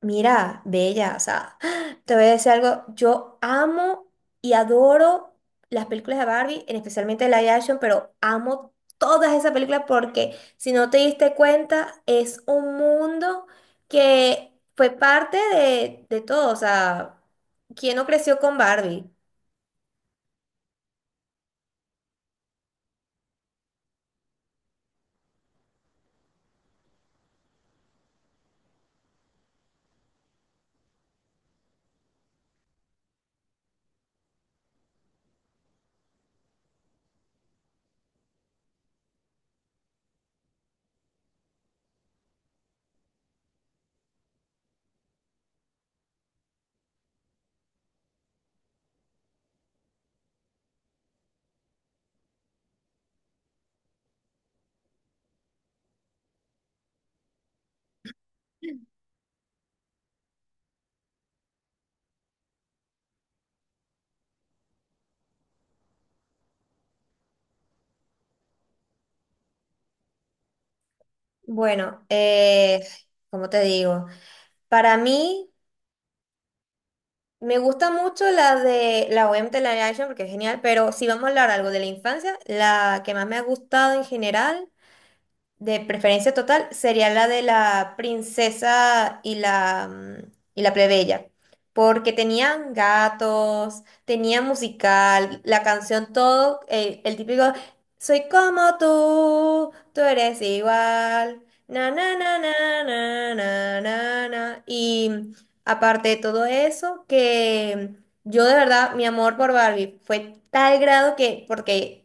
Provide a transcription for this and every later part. Mira, bella, o sea, te voy a decir algo, yo amo y adoro las películas de Barbie, en especialmente de live action, pero amo todas esas películas porque si no te diste cuenta, es un mundo que fue parte de todo, o sea, ¿quién no creció con Barbie? Bueno, ¿cómo te digo? Para mí. Me gusta mucho la de la OMT, la de Action, porque es genial, pero si vamos a hablar algo de la infancia, la que más me ha gustado en general de preferencia total sería la de la princesa y y la plebeya, porque tenían gatos, tenían musical, la canción, todo, el, típico, soy como tú eres igual, na, na, na, na, na, na, na, na. Y aparte de todo eso, que yo de verdad, mi amor por Barbie fue tal grado que, porque.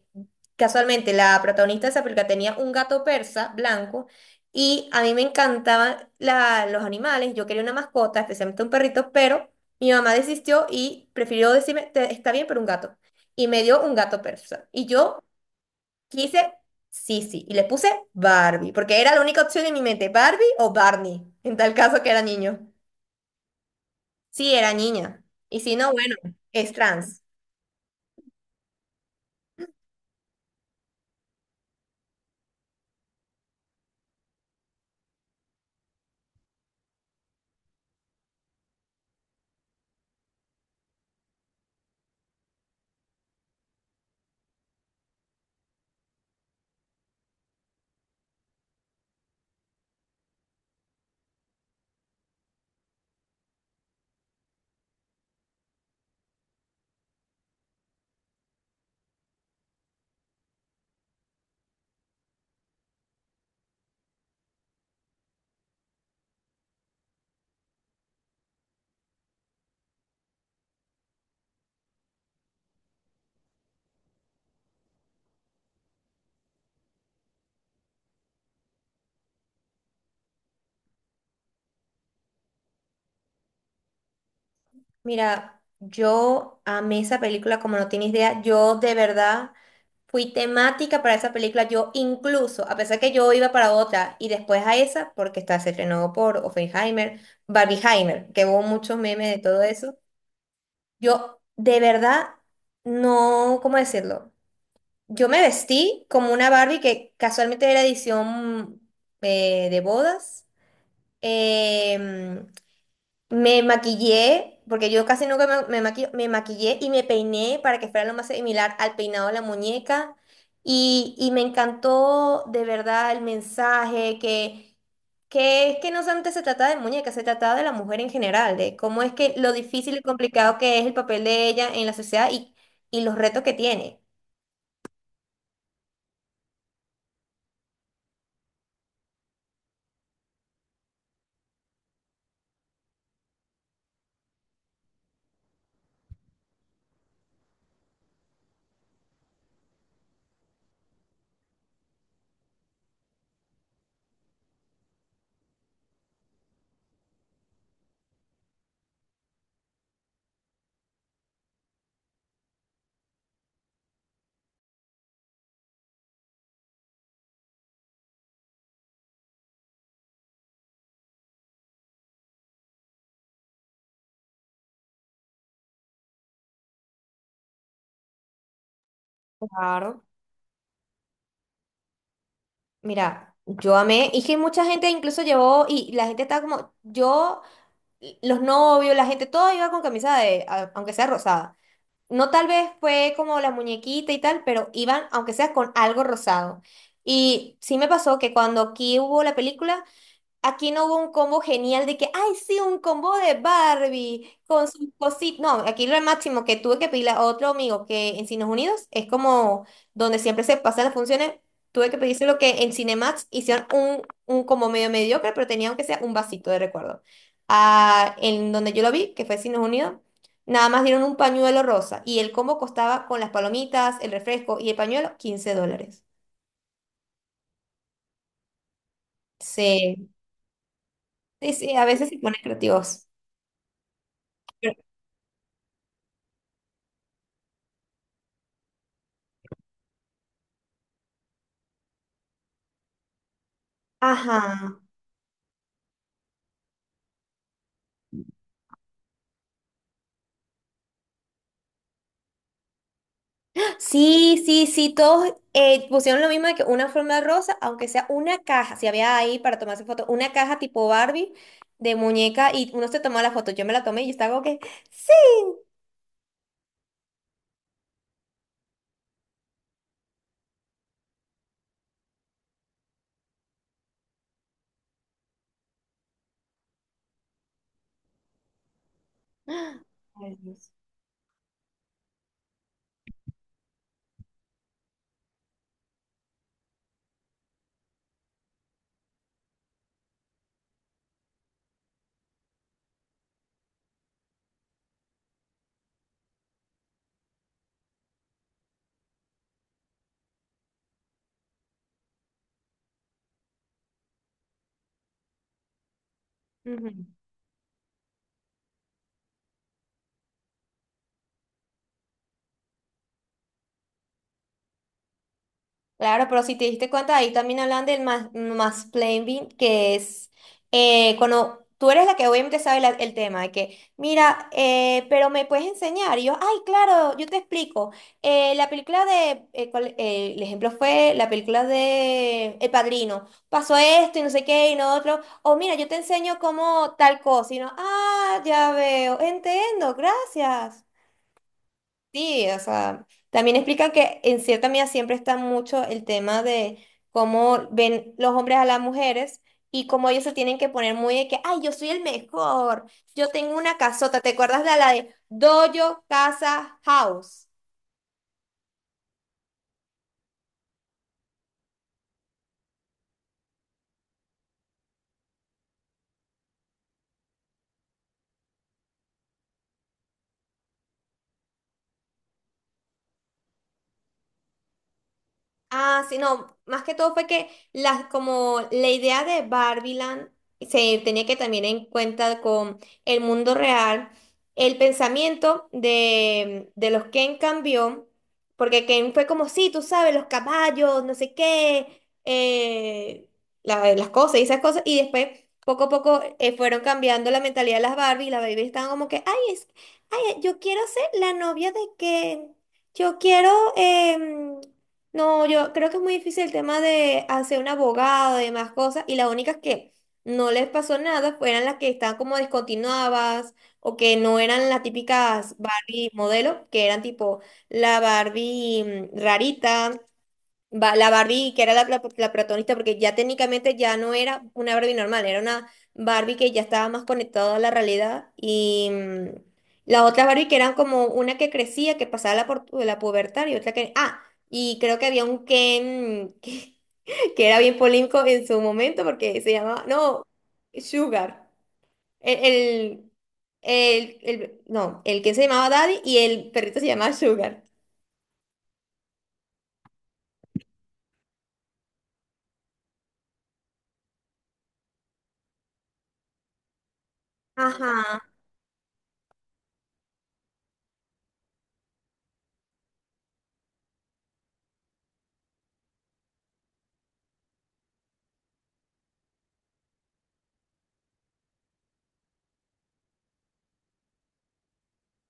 Casualmente, la protagonista de esa película tenía un gato persa blanco y a mí me encantaban los animales. Yo quería una mascota, especialmente un perrito, pero mi mamá desistió y prefirió decirme, está bien, pero un gato. Y me dio un gato persa. Y yo quise Sisi y le puse Barbie, porque era la única opción en mi mente, Barbie o Barney, en tal caso que era niño. Sí, era niña. Y si no, bueno, es trans. Mira, yo amé esa película como no tienes idea. Yo de verdad fui temática para esa película. Yo incluso, a pesar que yo iba para otra y después a esa, porque esta se estrenó por Oppenheimer, Barbieheimer, que hubo muchos memes de todo eso. Yo de verdad no, ¿cómo decirlo? Yo me vestí como una Barbie que casualmente era edición de bodas. Em, me maquillé, porque yo casi nunca me maquillo, me maquillé y me peiné para que fuera lo más similar al peinado de la muñeca. Y me encantó de verdad el mensaje que es que no solamente se trataba de muñeca, se trataba de la mujer en general, de cómo es que lo difícil y complicado que es el papel de ella en la sociedad y los retos que tiene. Claro. Mira, yo amé, y que mucha gente incluso llevó, y la gente estaba como, yo. Los novios, la gente, todo iba con camisa de, aunque sea rosada. No tal vez fue como la muñequita y tal, pero iban, aunque sea con algo rosado. Y sí me pasó que cuando aquí hubo la película. Aquí no hubo un combo genial de que, ay, sí, un combo de Barbie con sus cositas. No, aquí lo máximo que tuve que pedirle a otro amigo que en Cines Unidos es como donde siempre se pasan las funciones. Tuve que pedirse lo que en Cinemax hicieron un combo medio mediocre, pero tenía aunque sea un vasito de recuerdo. Ah, en donde yo lo vi, que fue Cines Unidos, nada más dieron un pañuelo rosa y el combo costaba con las palomitas, el refresco y el pañuelo $15. Sí, sí, sí, a veces se ponen creativos. Pero- Ajá. Sí, sí, sí, todos pusieron lo mismo de que una forma de rosa, aunque sea una caja, si había ahí para tomarse foto, una caja tipo Barbie de muñeca y uno se tomó la foto, yo me la tomé y yo estaba como que, sí. Ujú. Claro, pero si te diste cuenta, ahí también hablan del mansplaining, que es cuando tú eres la que obviamente sabe el tema, de que, mira, pero me puedes enseñar. Y yo, ay, claro, yo te explico. La película de, el ejemplo fue la película de El Padrino. Pasó esto y no sé qué y no otro. O mira, yo te enseño cómo tal cosa. Y no, ah, ya veo, entiendo, gracias. Sí, o sea, también explican que en cierta medida siempre está mucho el tema de cómo ven los hombres a las mujeres y cómo ellos se tienen que poner muy de que, ay, yo soy el mejor, yo tengo una casota, ¿te acuerdas de la de Dojo Casa House? Ah, sí, no, más que todo fue que las, como la idea de Barbieland se tenía que también en cuenta con el mundo real, el pensamiento de los Ken cambió, porque Ken fue como, sí, tú sabes, los caballos, no sé qué, las cosas y esas cosas, y después poco a poco fueron cambiando la mentalidad de las Barbie y las Baby estaban como que, ay, es, ay, yo quiero ser la novia de Ken, yo quiero. Em, no, yo creo que es muy difícil el tema de hacer un abogado y demás cosas, y las únicas que no les pasó nada fueron las que estaban como descontinuadas o que no eran las típicas Barbie modelo, que eran tipo la Barbie rarita, La Barbie, que era la protagonista, porque ya técnicamente ya no era una Barbie normal, era una Barbie que ya estaba más conectada a la realidad. Y la otra Barbie que eran como una que crecía, que pasaba la pubertad y otra que. Ah, y creo que había un Ken que era bien polémico en su momento porque se llamaba. No, Sugar. El, el no, el que se llamaba Daddy y el perrito se llamaba Sugar. Ajá.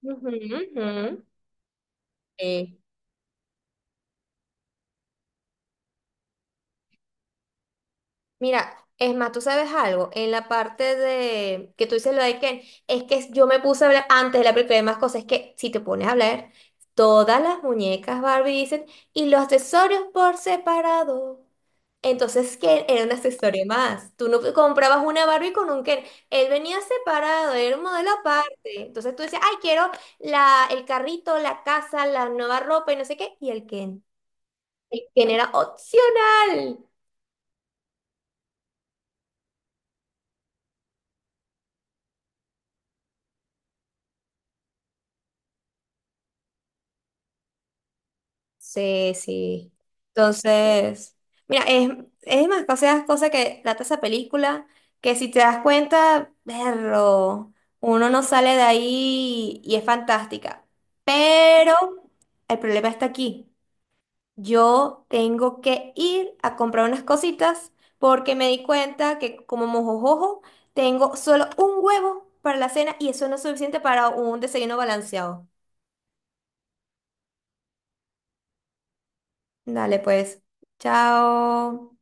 Ujú, ujú. Sí. Mira, es más, tú sabes algo, en la parte de que tú dices lo de Ken, es que yo me puse a hablar antes de la película de más cosas, es que si te pones a hablar, todas las muñecas Barbie dicen, y los accesorios por separado. Entonces, Ken era un accesorio más. Tú no comprabas una Barbie con un Ken. Él venía separado, era un modelo aparte. Entonces tú decías, ay, quiero el carrito, la casa, la nueva ropa y no sé qué. Y el Ken. El Ken era opcional. Sí, sí. Entonces, mira, es demasiadas cosas que trata esa película, que si te das cuenta, perro, uno no sale de ahí y es fantástica. Pero el problema está aquí. Yo tengo que ir a comprar unas cositas porque me di cuenta que como mojojojo, tengo solo un huevo para la cena y eso no es suficiente para un desayuno balanceado. Dale, pues. Chao.